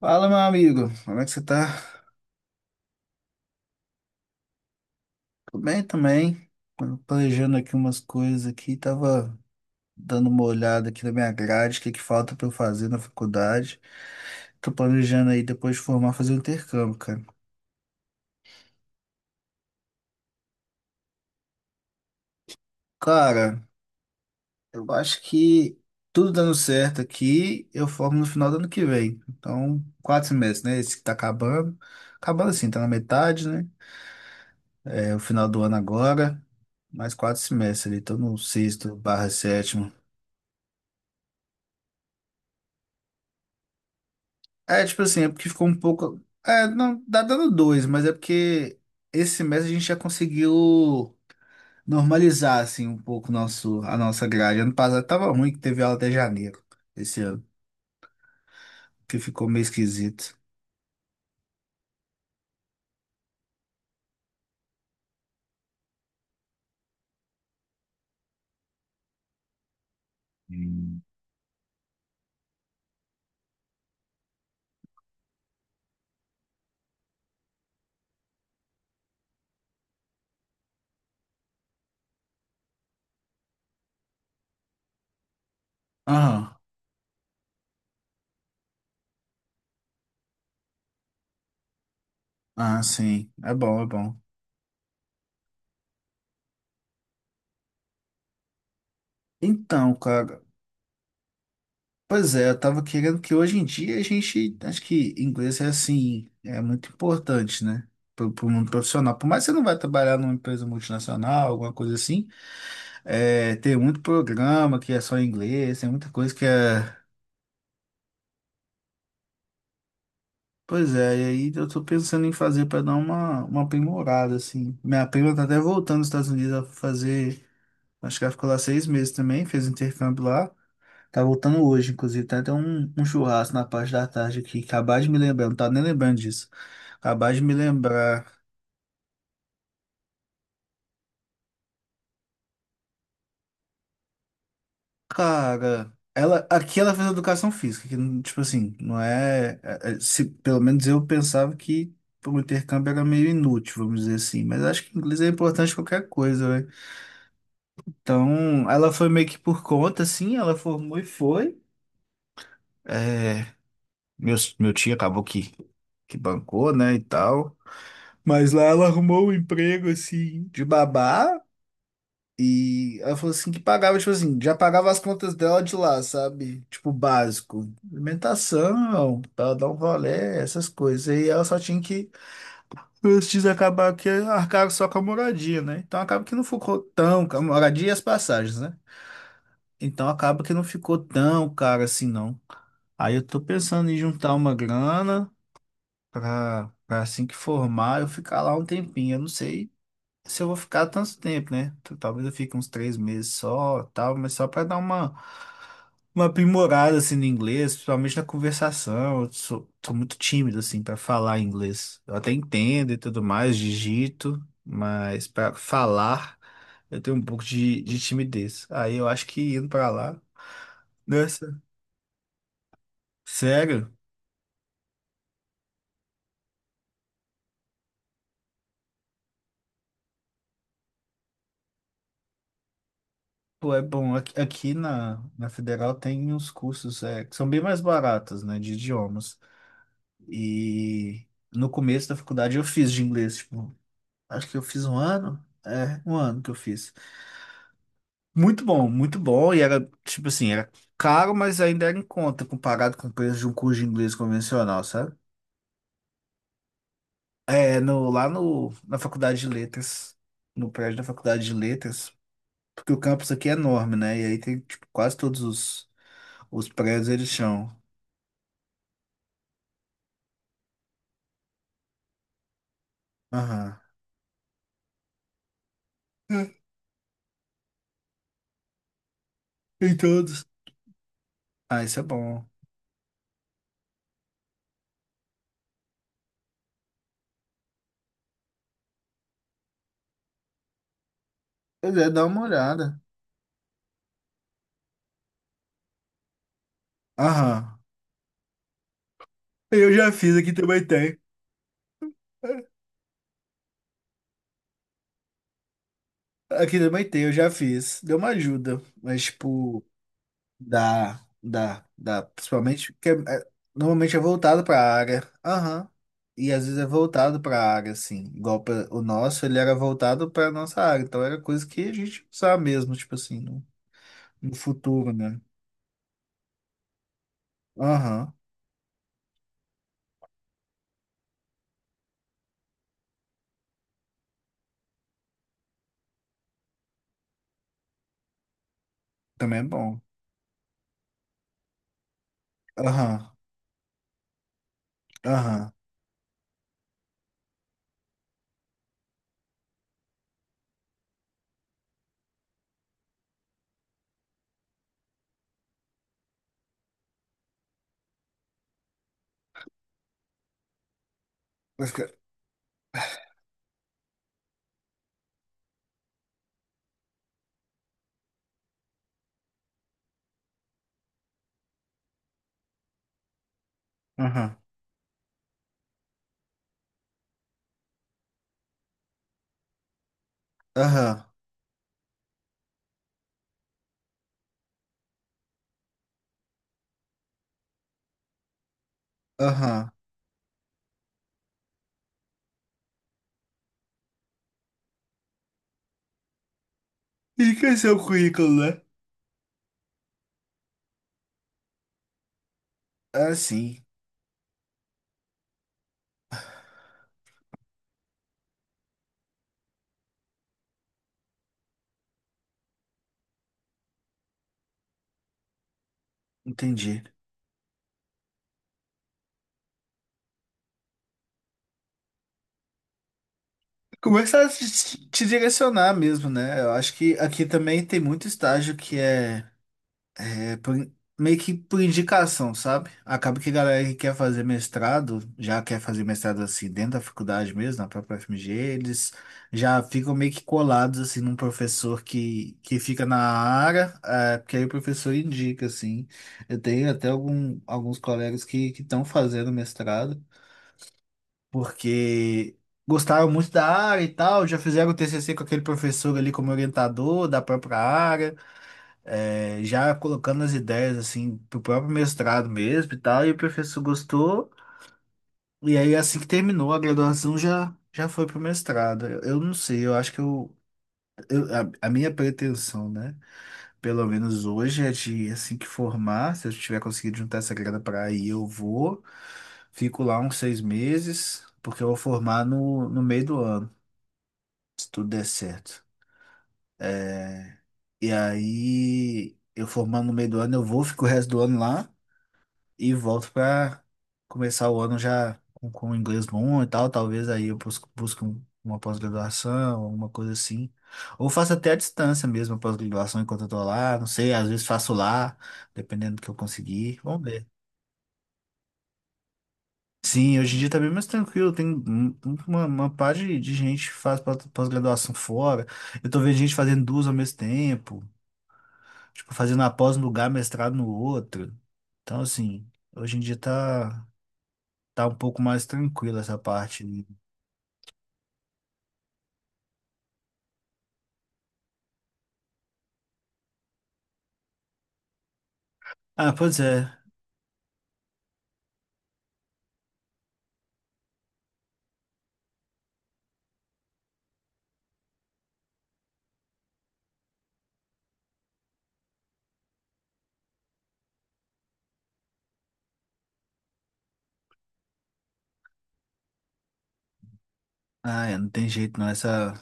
Fala, meu amigo. Como é que você tá? Tudo bem também. Tava planejando aqui umas coisas aqui, tava dando uma olhada aqui na minha grade, o que que falta pra eu fazer na faculdade. Tô planejando aí depois de formar fazer um intercâmbio, cara. Cara, eu acho que tudo dando certo aqui, eu formo no final do ano que vem. Então, 4 semestres, né? Esse que tá acabando. Acabando assim, tá na metade, né? É o final do ano agora. Mais 4 semestres ali, tô no sexto barra sétimo. É, tipo assim, é porque ficou um pouco. É, não, dá dando dois, mas é porque esse mês a gente já conseguiu normalizar, assim, um pouco a nossa grade. Ano passado tava ruim que teve aula até janeiro, esse ano, que ficou meio esquisito. Aham, ah, sim, é bom, é bom. Então, cara, pois é, eu tava querendo que hoje em dia a gente, acho que inglês é assim, é muito importante, né? Pro mundo profissional. Por mais que você não vai trabalhar numa empresa multinacional, alguma coisa assim. É, tem muito programa que é só em inglês, tem muita coisa que é. Pois é, e aí eu tô pensando em fazer para dar uma aprimorada, assim. Minha prima tá até voltando dos Estados Unidos a fazer. Acho que ela ficou lá 6 meses também, fez intercâmbio lá. Tá voltando hoje, inclusive. Tá até um churrasco na parte da tarde aqui. Acabar de me lembrar, não tava nem lembrando disso. Acabar de me lembrar. Cara, ela, aqui ela fez educação física, que, tipo assim, não é, se, pelo menos eu pensava que o intercâmbio era meio inútil, vamos dizer assim, mas acho que inglês é importante em qualquer coisa, né? Então, ela foi meio que por conta, assim, ela formou e foi. É, meu tio acabou que bancou, né, e tal. Mas lá ela arrumou um emprego, assim, de babá, e ela falou assim que pagava, tipo assim, já pagava as contas dela de lá, sabe? Tipo, básico. Alimentação, pra ela dar um rolê, essas coisas. E ela só tinha que, antes de acabar que arcar só com a moradia, né? Então acaba que não ficou tão, a moradia e as passagens, né? Então acaba que não ficou tão caro assim, não. Aí eu tô pensando em juntar uma grana pra assim que formar, eu ficar lá um tempinho. Eu não sei se eu vou ficar tanto tempo, né? Talvez eu fique uns 3 meses só, tal, mas só para dar uma aprimorada assim no inglês, principalmente na conversação. Eu sou muito tímido assim para falar inglês. Eu até entendo e tudo mais, digito, mas para falar eu tenho um pouco de timidez. Aí eu acho que indo para lá, nessa, sério? Pô, é bom, aqui na Federal tem uns cursos é, que são bem mais baratos, né, de idiomas. E no começo da faculdade eu fiz de inglês, tipo, acho que eu fiz um ano. É, um ano que eu fiz. Muito bom, muito bom. E era, tipo assim, era caro, mas ainda era em conta, comparado com o preço de um curso de inglês convencional, sabe? É, no, lá no, na faculdade de letras, no prédio da faculdade de letras, porque o campus aqui é enorme, né? E aí tem, tipo, quase todos os prédios eles são... Aham. É. Em todos. Ah, isso é bom. Pois é, dá uma olhada. Aham. Eu já fiz, aqui também tem. Aqui também tem, eu já fiz. Deu uma ajuda, mas, tipo, dá, dá, dá. Principalmente porque normalmente é voltado pra área. Aham. E às vezes é voltado pra área, assim. Igual o nosso, ele era voltado pra nossa área. Então era coisa que a gente usava mesmo, tipo assim, no futuro, né? Aham. Também é bom. Aham. Aham. Mas que- Aham. Aham. Aham. Enriqueceu o currículo, né? Ah, sim. Entendi. Começar a te direcionar mesmo, né? Eu acho que aqui também tem muito estágio que é meio que por indicação, sabe? Acaba que a galera que quer fazer mestrado, já quer fazer mestrado assim dentro da faculdade mesmo, na própria FMG, eles já ficam meio que colados assim num professor que fica na área, é, porque aí o professor indica, assim. Eu tenho até alguns colegas que estão fazendo mestrado porque gostaram muito da área e tal, já fizeram o TCC com aquele professor ali como orientador da própria área, já colocando as ideias assim pro próprio mestrado mesmo e tal, e o professor gostou, e aí assim que terminou a graduação já já foi pro mestrado. Eu não sei, eu acho que eu- a minha pretensão, né? Pelo menos hoje é de assim que formar. Se eu tiver conseguido juntar essa grana para ir, eu vou. Fico lá uns 6 meses, porque eu vou formar no meio do ano, se tudo der certo. É, e aí, eu formando no meio do ano, eu vou, fico o resto do ano lá, e volto para começar o ano já com o inglês bom e tal. Talvez aí eu busque uma pós-graduação, alguma coisa assim. Ou faço até à distância mesmo a pós-graduação enquanto eu tô lá. Não sei, às vezes faço lá, dependendo do que eu conseguir. Vamos ver. Sim, hoje em dia tá bem mais tranquilo. Tem uma par de gente que faz pós-graduação fora. Eu tô vendo gente fazendo duas ao mesmo tempo. Tipo, fazendo a pós num lugar, mestrado no outro. Então, assim, hoje em dia tá um pouco mais tranquila essa parte, né? Ah, pois é. Ah, é, não tem jeito não. Essa,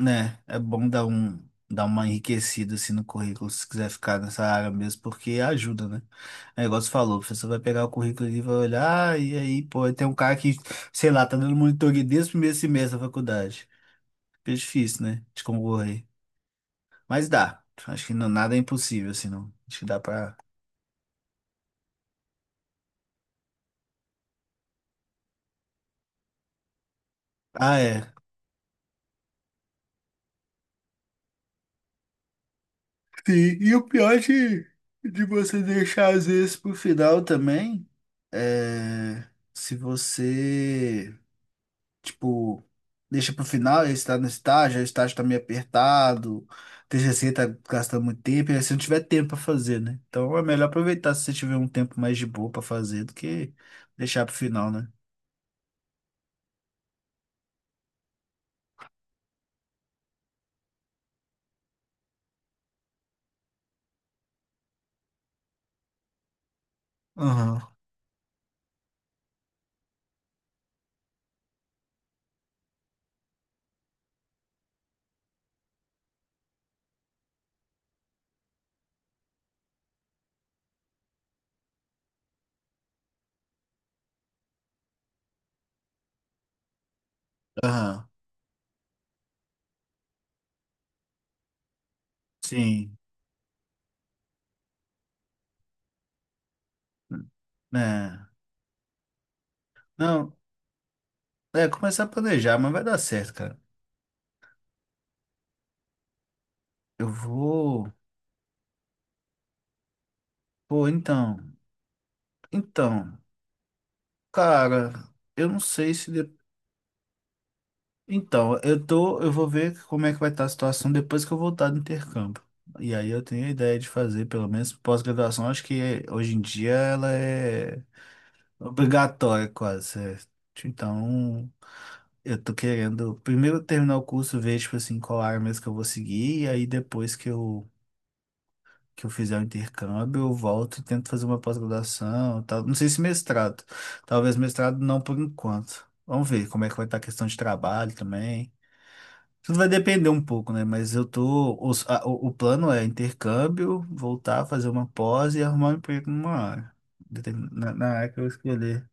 né, é bom dar uma enriquecida assim no currículo, se quiser ficar nessa área mesmo, porque ajuda, né? É igual você falou, o professor vai pegar o currículo e vai olhar, ah, e aí, pô, tem um cara que, sei lá, tá dando monitoria desde o primeiro semestre da faculdade. Fica difícil, né, de concorrer. Mas dá. Acho que não, nada é impossível, assim, não. Acho que dá pra... Ah, é. Sim, e o pior de você deixar às vezes pro final também é se você, tipo, deixa pro final, aí você tá no estágio, aí o estágio tá meio apertado, o TCC tá gastando muito tempo, e aí você não tiver tempo pra fazer, né? Então é melhor aproveitar se você tiver um tempo mais de boa pra fazer do que deixar pro final, né? Aham, aham, sim, né? Não, é começar a planejar, mas vai dar certo, cara. Eu vou. Pô, então. Então, cara, eu não sei se. Então, eu vou ver como é que vai estar a situação depois que eu voltar do intercâmbio. E aí eu tenho a ideia de fazer, pelo menos pós-graduação, acho que hoje em dia ela é obrigatória quase, certo? Então, eu tô querendo primeiro terminar o curso, ver, tipo assim, qual área mesmo que eu vou seguir, e aí depois que eu fizer o intercâmbio, eu volto e tento fazer uma pós-graduação, tal. Não sei se mestrado. Talvez mestrado não por enquanto. Vamos ver como é que vai estar a questão de trabalho também. Tudo vai depender um pouco, né? Mas eu tô. O plano é intercâmbio, voltar, fazer uma pós e arrumar um emprego numa área na área que eu escolher.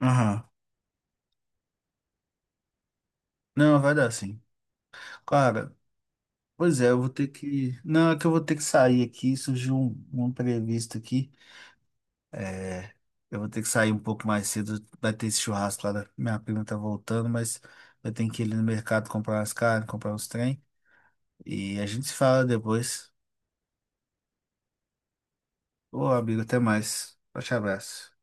Aham. Não, vai dar sim. Cara, pois é, eu vou ter que... Não, é que eu vou ter que sair aqui. Surgiu um imprevisto aqui. É, eu vou ter que sair um pouco mais cedo. Vai ter esse churrasco lá. Minha prima tá voltando, mas eu tenho que ir ali no mercado comprar umas carnes, comprar uns trem. E a gente se fala depois. Ô, amigo, até mais. Forte abraço.